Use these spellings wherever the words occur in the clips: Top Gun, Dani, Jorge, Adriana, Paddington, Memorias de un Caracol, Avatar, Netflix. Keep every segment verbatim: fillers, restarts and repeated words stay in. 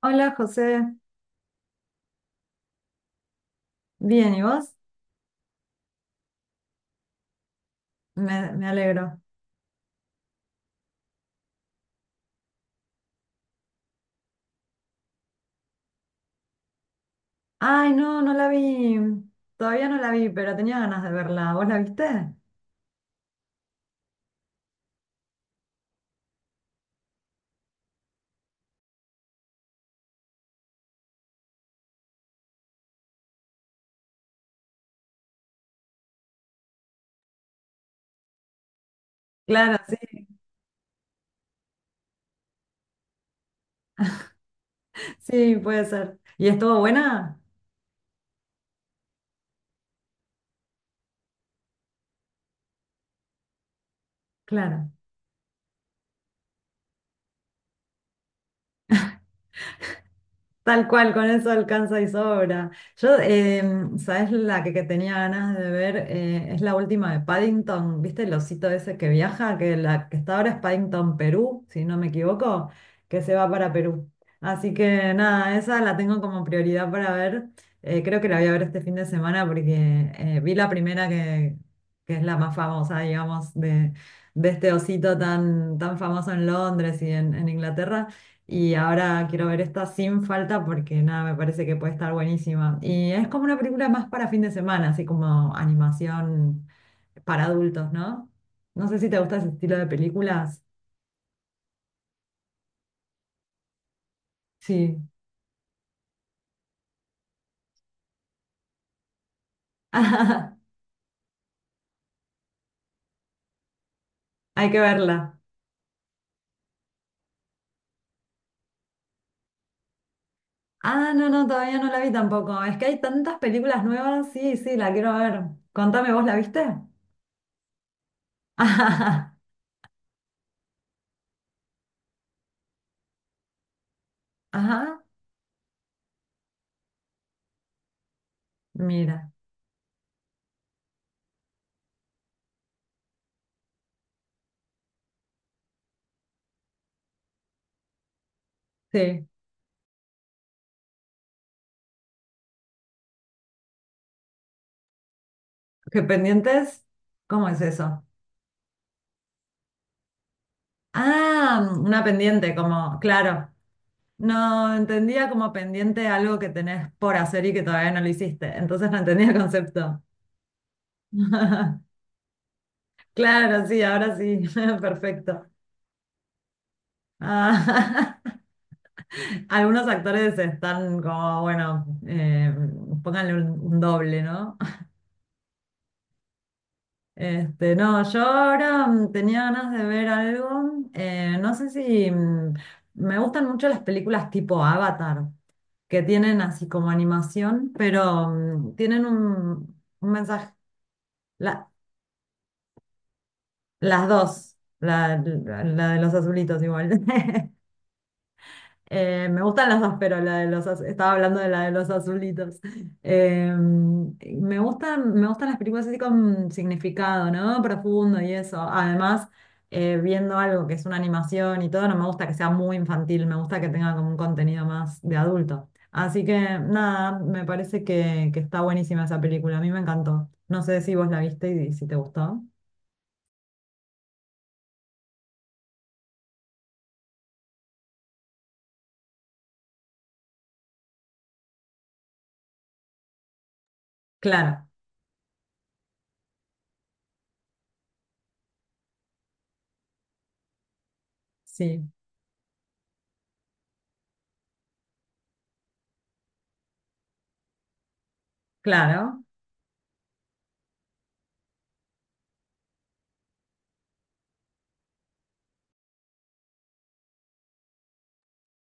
Hola José, bien, ¿y vos? Me, me alegro. Ay, no, no la vi, todavía no la vi, pero tenía ganas de verla. ¿Vos la viste? Claro, sí, sí, puede ser. ¿Y estuvo buena? Claro. Tal cual, con eso alcanza y sobra. Yo, em, ¿sabes la que, que tenía ganas de ver? Eh, es la última de Paddington, ¿viste el osito ese que viaja? Que la que está ahora es Paddington, Perú, si no me equivoco, que se va para Perú. Así que nada, esa la tengo como prioridad para ver. Eh, creo que la voy a ver este fin de semana porque eh, vi la primera que, que es la más famosa, digamos, de, de este osito tan, tan famoso en Londres y en en Inglaterra. Y ahora quiero ver esta sin falta porque nada, me parece que puede estar buenísima. Y es como una película más para fin de semana, así como animación para adultos, ¿no? No sé si te gusta ese estilo de películas. Sí. Hay que verla. Ah, no, no, todavía no la vi tampoco. Es que hay tantas películas nuevas. Sí, sí, la quiero ver. Contame, ¿vos la viste? Ajá, ajá, mira. Sí. ¿Qué pendientes? ¿Cómo es eso? Ah, una pendiente, como, claro. No, entendía como pendiente algo que tenés por hacer y que todavía no lo hiciste. Entonces no entendía el concepto. Claro, sí, ahora sí. Perfecto. Ah, algunos actores están como, bueno, eh, pónganle un, un doble, ¿no? Este, no, yo ahora mm, tenía ganas de ver algo. Eh, no sé si mm, me gustan mucho las películas tipo Avatar, que tienen así como animación, pero mm, tienen un, un mensaje. La- Las dos, la, la- la de los azulitos igual. Eh, me gustan las dos, pero la de los az- estaba hablando de la de los azulitos. Eh, me gustan, me gustan las películas así con significado, ¿no? Profundo y eso. Además, eh, viendo algo que es una animación y todo, no me gusta que sea muy infantil, me gusta que tenga como un contenido más de adulto. Así que nada, me parece que, que está buenísima esa película. A mí me encantó. No sé si vos la viste y si te gustó. Claro, sí, claro.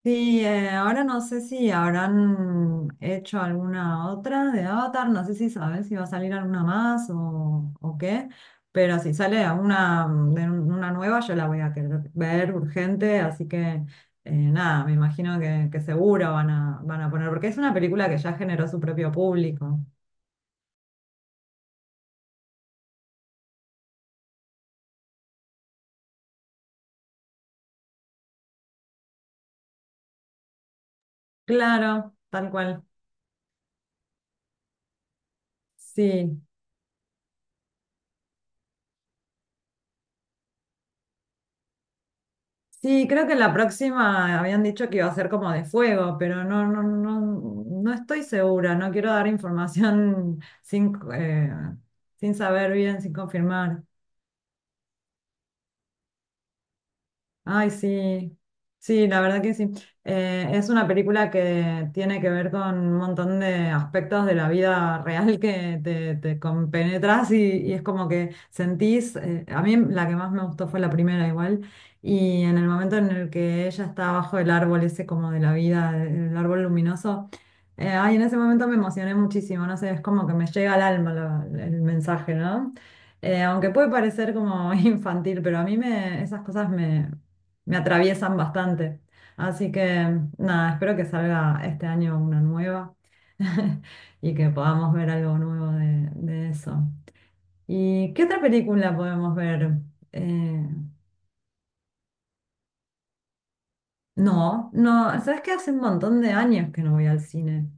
Sí, eh, ahora no sé si habrán hecho alguna otra de Avatar, no sé si sabes si va a salir alguna más o, o qué, pero si sale una, mm, de un- una nueva yo la voy a querer ver urgente, así que eh, nada, me imagino que, que seguro van a, van a poner, porque es una película que ya generó su propio público. Claro, tal cual. Sí, Sí, creo que la próxima habían dicho que iba a ser como de fuego, pero no, no, no, no estoy segura. No quiero dar información sin, eh, sin saber bien, sin confirmar. Ay, sí, sí, la verdad que sí. Eh, es una película que tiene que ver con un montón de aspectos de la vida real que te, te compenetras y, y es como que sentís, eh, a mí la que más me gustó fue la primera igual, y en el momento en el que ella está bajo el árbol ese como de la vida, el árbol luminoso, eh, ay, en ese momento me emocioné muchísimo, no sé, es como que me llega al alma la- el mensaje, ¿no? Eh, aunque puede parecer como infantil, pero a mí me, esas cosas me, me atraviesan bastante. Así que nada, espero que salga este año una nueva y que podamos ver algo nuevo de, de eso. ¿Y qué otra película podemos ver? Eh, no, no, ¿sabes qué? Hace un montón de años que no voy al cine.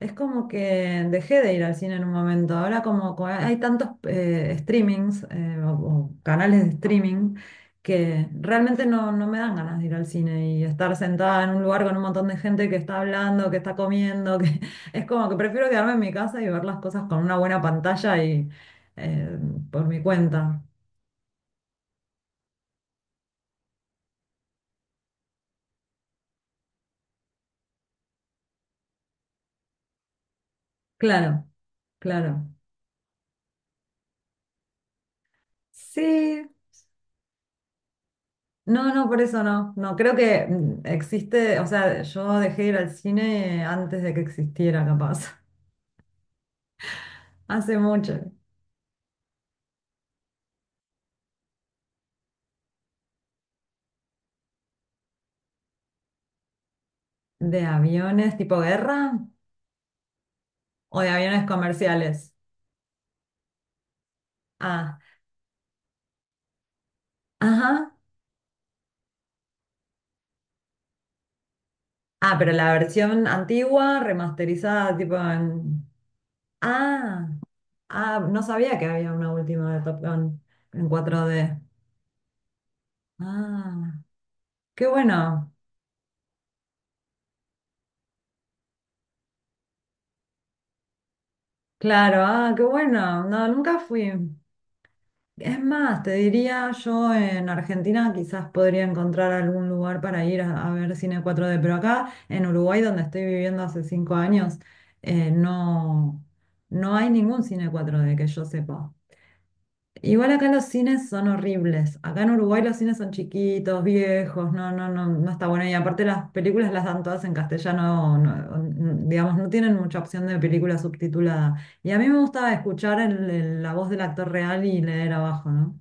Es como que dejé de ir al cine en un momento. Ahora como co- hay tantos eh, streamings eh, o, o canales de streaming que realmente no, no me dan ganas de ir al cine y estar sentada en un lugar con un montón de gente que está hablando, que está comiendo, que es como que prefiero quedarme en mi casa y ver las cosas con una buena pantalla y eh, por mi cuenta. Claro, claro. Sí. No, no, por eso no. No, creo que mm, existe, o sea, yo dejé de ir al cine antes de que existiera, capaz. Hace mucho. ¿De aviones tipo guerra o de aviones comerciales? Ah, ajá. Ah, pero la versión antigua, remasterizada, tipo en... Ah, ah, no sabía que había una última de Top Gun en cuatro D. Ah, qué bueno. Claro, ah, qué bueno. No, nunca fui. Es más, te diría yo en Argentina quizás podría encontrar algún lugar para ir a, a ver cine cuatro D, pero acá en Uruguay, donde estoy viviendo hace cinco años, eh, no, no hay ningún cine cuatro D que yo sepa. Igual acá los cines son horribles. Acá en Uruguay los cines son chiquitos, viejos, no, no, no, no está bueno. Y aparte las películas las dan todas en castellano, no- no- digamos, no tienen mucha opción de película subtitulada. Y a mí me gusta escuchar el- el- la voz del actor real y leer abajo, ¿no?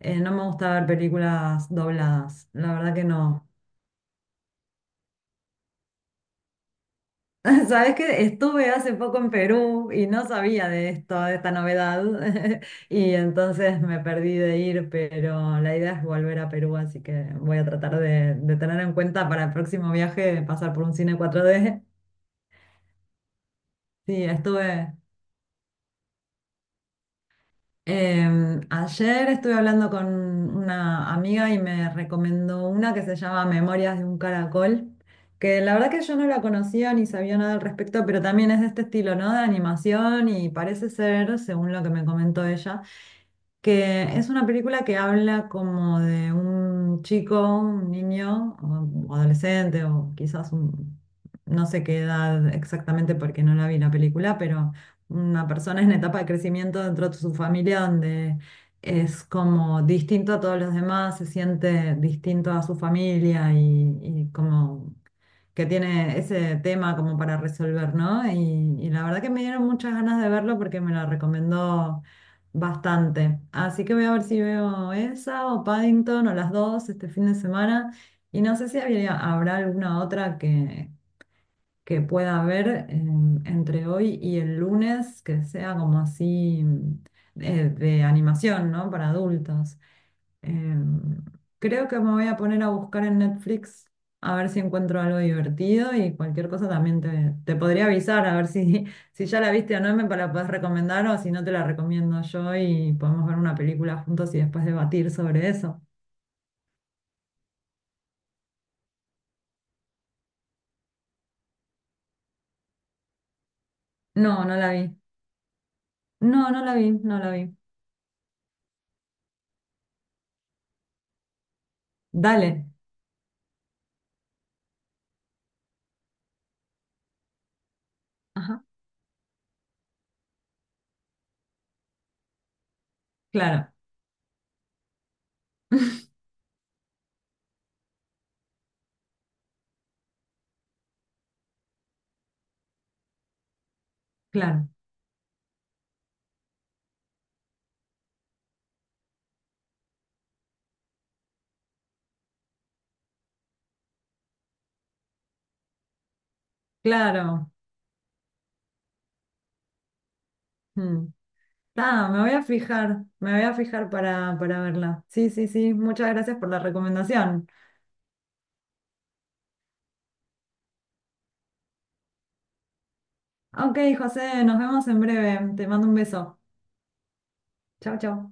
Eh, no me gusta ver películas dobladas, la verdad que no. Sabes que estuve hace poco en Perú y no sabía de esto, de esta novedad, y entonces me perdí de ir, pero la idea es volver a Perú, así que voy a tratar de, de tener en cuenta para el próximo viaje pasar por un cine cuatro d. Sí, estuve. Em, ayer estuve hablando con una amiga y me recomendó una que se llama Memorias de un Caracol, que la verdad que yo no la conocía ni sabía nada al respecto, pero también es de este estilo, ¿no? De animación y parece ser, según lo que me comentó ella, que es una película que habla como de un chico, un niño, o un adolescente, o quizás un, no sé qué edad exactamente porque no la vi la película, pero una persona en etapa de crecimiento dentro de su familia donde es como distinto a todos los demás, se siente distinto a su familia y, y como que tiene ese tema como para resolver, ¿no? Y, y la verdad que me dieron muchas ganas de verlo porque me lo recomendó bastante. Así que voy a ver si veo esa o Paddington o las dos este fin de semana. Y no sé si habría- habrá alguna otra que, que pueda ver eh, entre hoy y el lunes que sea como así eh, de animación, ¿no? Para adultos. Em, Creo que me voy a poner a buscar en Netflix a ver si encuentro algo divertido y cualquier cosa también te, te podría avisar a ver si, si ya la viste o no, me pa- la puedes recomendar o si no te la recomiendo yo y podemos ver una película juntos y después debatir sobre eso. No, no la vi. No, no la vi, no la vi. Dale. Ajá, claro, claro, claro. Mm. Ah, me voy a fijar, me voy a fijar para, para verla. Sí, sí, sí, muchas gracias por la recomendación. Ok, José, nos vemos en breve. Te mando un beso. Chau, chau.